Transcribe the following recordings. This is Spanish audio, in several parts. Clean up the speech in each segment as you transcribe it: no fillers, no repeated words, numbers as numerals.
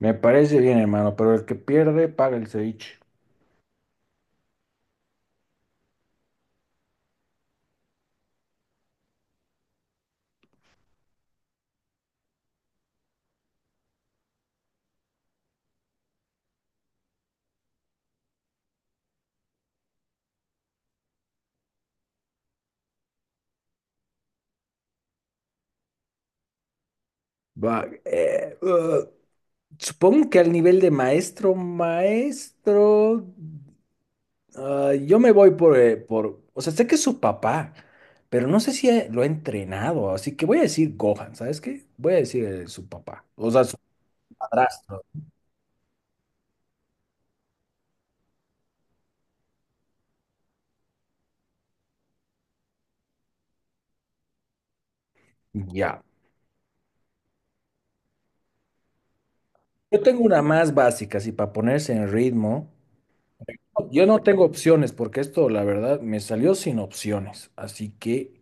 Me parece bien, hermano, pero el que pierde paga el ceviche. Va, supongo que al nivel de maestro, maestro, ah, yo me voy por, o sea, sé que es su papá, pero no sé si lo ha entrenado, así que voy a decir Gohan. ¿Sabes qué? Voy a decir su papá, o sea, su padrastro. Ya. Yo tengo una más básica, así para ponerse en ritmo. Yo no tengo opciones, porque esto, la verdad, me salió sin opciones, así que.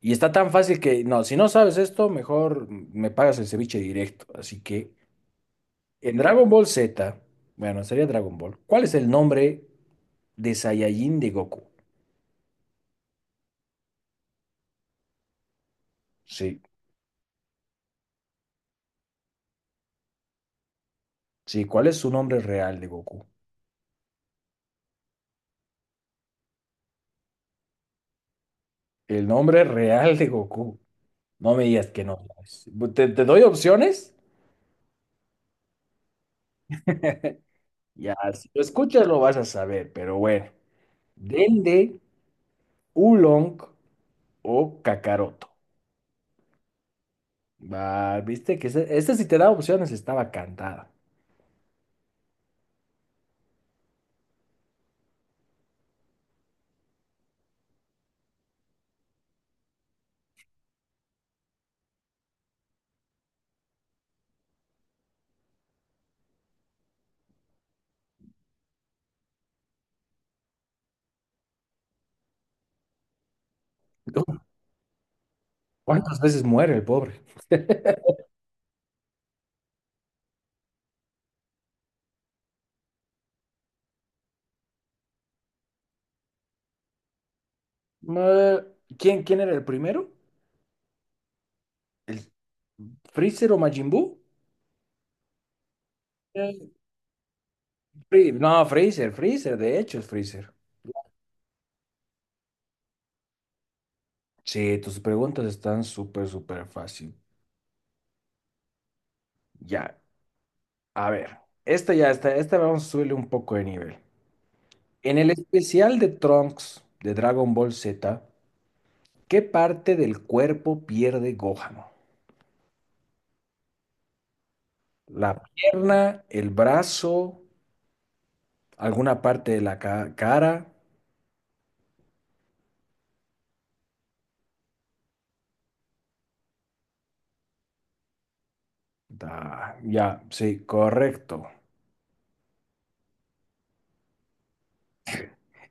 Y está tan fácil que, no, si no sabes esto, mejor me pagas el ceviche directo. Así que en Dragon Ball Z, bueno, sería Dragon Ball. ¿Cuál es el nombre de Saiyajin de Goku? Sí, sí, ¿cuál es su nombre real de Goku? El nombre real de Goku. No me digas que no sabes. ¿Te doy opciones? Ya, si lo escuchas lo vas a saber, pero bueno. Dende, Oolong o Kakaroto. Va, viste que este, si te da opciones, estaba cantada. ¿Cuántas veces muere el pobre? Ma- ¿quién era el primero? ¿El Freezer o Majin Buu? Eh, no, Freezer, Freezer, de hecho es Freezer. Sí, tus preguntas están súper, súper fácil. Ya, a ver, esta ya está, esta vamos a subirle un poco de nivel. En el especial de Trunks de Dragon Ball Z, ¿qué parte del cuerpo pierde Gohan? ¿La pierna, el brazo, alguna parte de la cara? Da, ya, sí, correcto.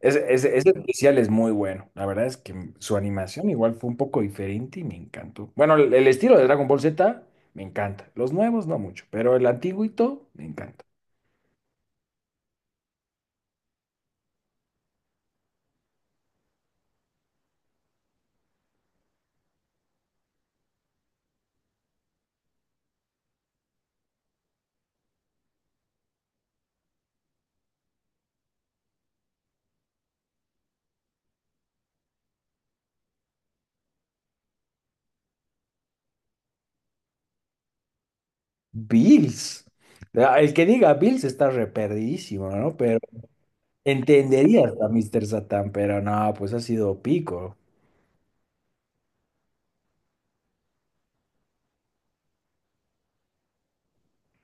Ese especial es muy bueno. La verdad es que su animación igual fue un poco diferente y me encantó. Bueno, el estilo de Dragon Ball Z me encanta. Los nuevos no mucho, pero el antiguito me encanta. Bills. Ah, el que diga Bills está reperdidísimo, ¿no? Pero entendería a Mr. Satan, pero no, pues ha sido pico.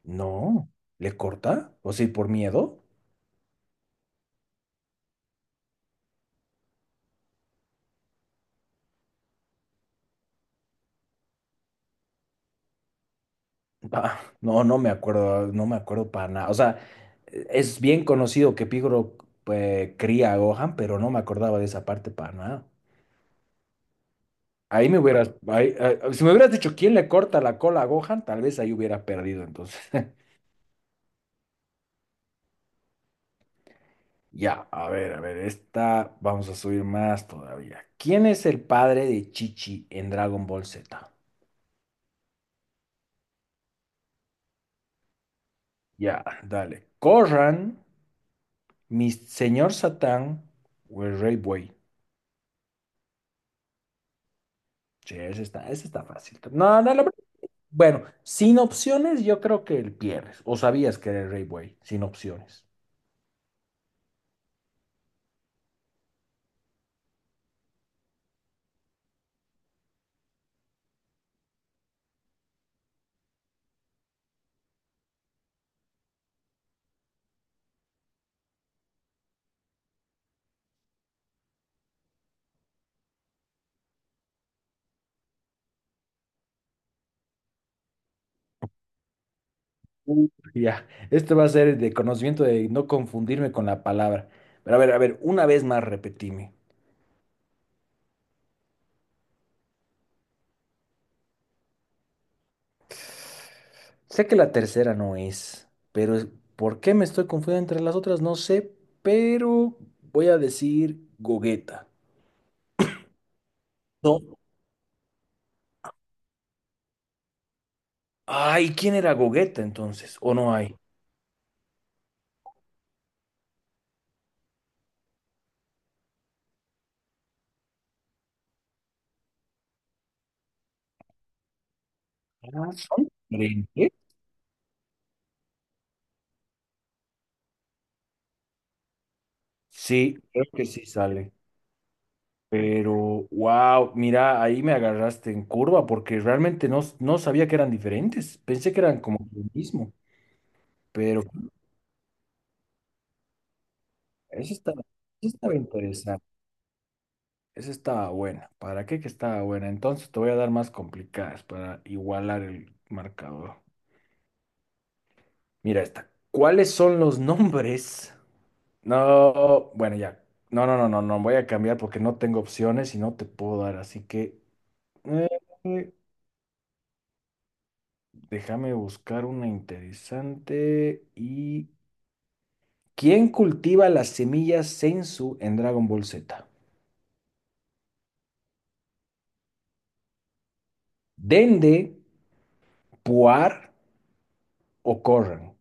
No, ¿le corta? ¿O sí, por miedo? Ah, no, no me acuerdo, no me acuerdo para nada. O sea, es bien conocido que Picoro, pues, cría a Gohan, pero no me acordaba de esa parte para nada. Ahí me hubieras, ahí- ahí- si me hubieras dicho quién le corta la cola a Gohan, tal vez ahí hubiera perdido. Entonces, ya, a ver, esta vamos a subir más todavía. ¿Quién es el padre de Chichi en Dragon Ball Z? Ya, dale. Corran, mi señor Satán o el Rey Buey. Sí, ese está fácil. No, no, la verdad. Bueno, sin opciones, yo creo que el pierdes. O sabías que era el Rey Buey, sin opciones. Uh. Ya, este va a ser de conocimiento de no confundirme con la palabra. Pero a ver, una vez más repetime. Sé que la tercera no es, ¿Por qué me estoy confundiendo entre las otras? No sé, pero voy a decir Gogeta. No. Ay, ¿quién era Gogeta entonces? ¿O no hay? Ah, son diferentes. Sí, creo que sí sale. Pero, wow, mira, ahí me agarraste en curva porque realmente no, no sabía que eran diferentes. Pensé que eran como lo mismo, pero eso estaba, eso estaba interesante. Esa estaba buena. ¿Para qué que estaba buena? Entonces te voy a dar más complicadas para igualar el marcador. Mira esta. ¿Cuáles son los nombres? No, bueno, ya. No, no, no, no, no. Voy a cambiar porque no tengo opciones y no te puedo dar. Así que, eh, déjame buscar una interesante. ¿Y quién cultiva las semillas Senzu en Dragon Ball Z? ¿Dende, Puar o Corran?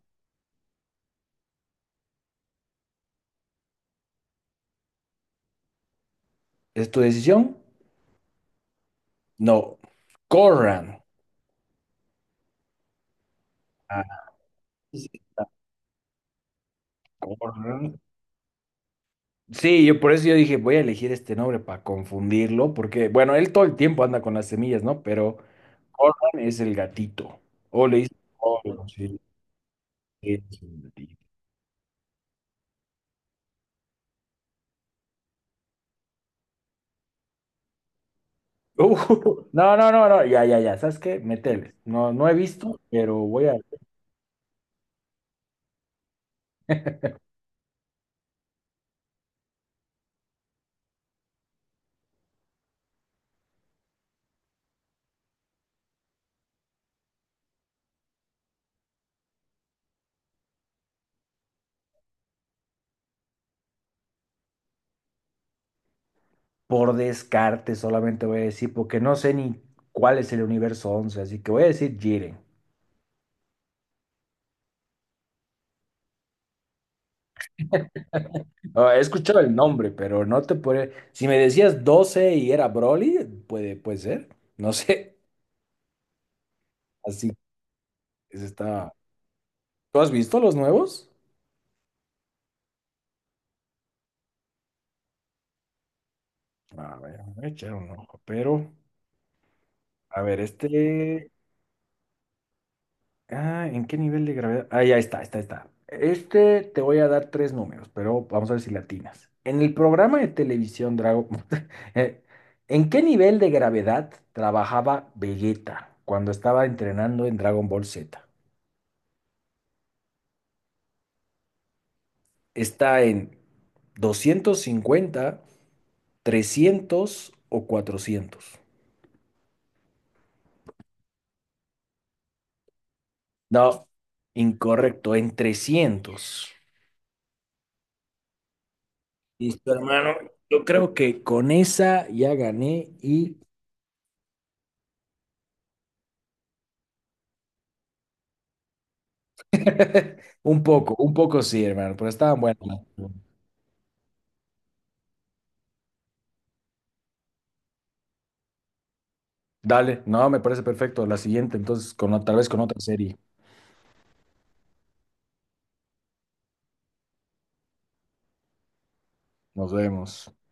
¿Es tu decisión? No, Corran. Ah, sí, está, Corran. Sí, yo por eso yo dije, voy a elegir este nombre para confundirlo, porque, bueno, él todo el tiempo anda con las semillas, ¿no? Pero Corran es el gatito. O le dice Corran, sí, sí, es el gatito. Uh, no, no, no, no, ya, ya, ya, ¿sabes qué? Métele. No, no he visto, pero por descarte solamente voy a decir, porque no sé ni cuál es el universo 11, así que voy a decir Jiren. Ah, he escuchado el nombre, pero no te puede, si me decías 12 y era Broly, puede ser, no sé, así es está. ¿Tú has visto los nuevos? A ver, voy a echar un ojo, pero, a ver, este. Ah, ¿en qué nivel de gravedad? Ah, ya está, está, está. Este te voy a dar tres números, pero vamos a ver si latinas. En el programa de televisión Drago, eh, ¿en qué nivel de gravedad trabajaba Vegeta cuando estaba entrenando en Dragon Ball Z? ¿Está en 250, 300 o 400? No, incorrecto, en 300. Listo, hermano. Yo creo que con esa ya gané y un poco, un poco sí, hermano, pero estaban buenas. Dale, no, me parece perfecto. La siguiente, entonces, tal vez con otra serie. Nos vemos.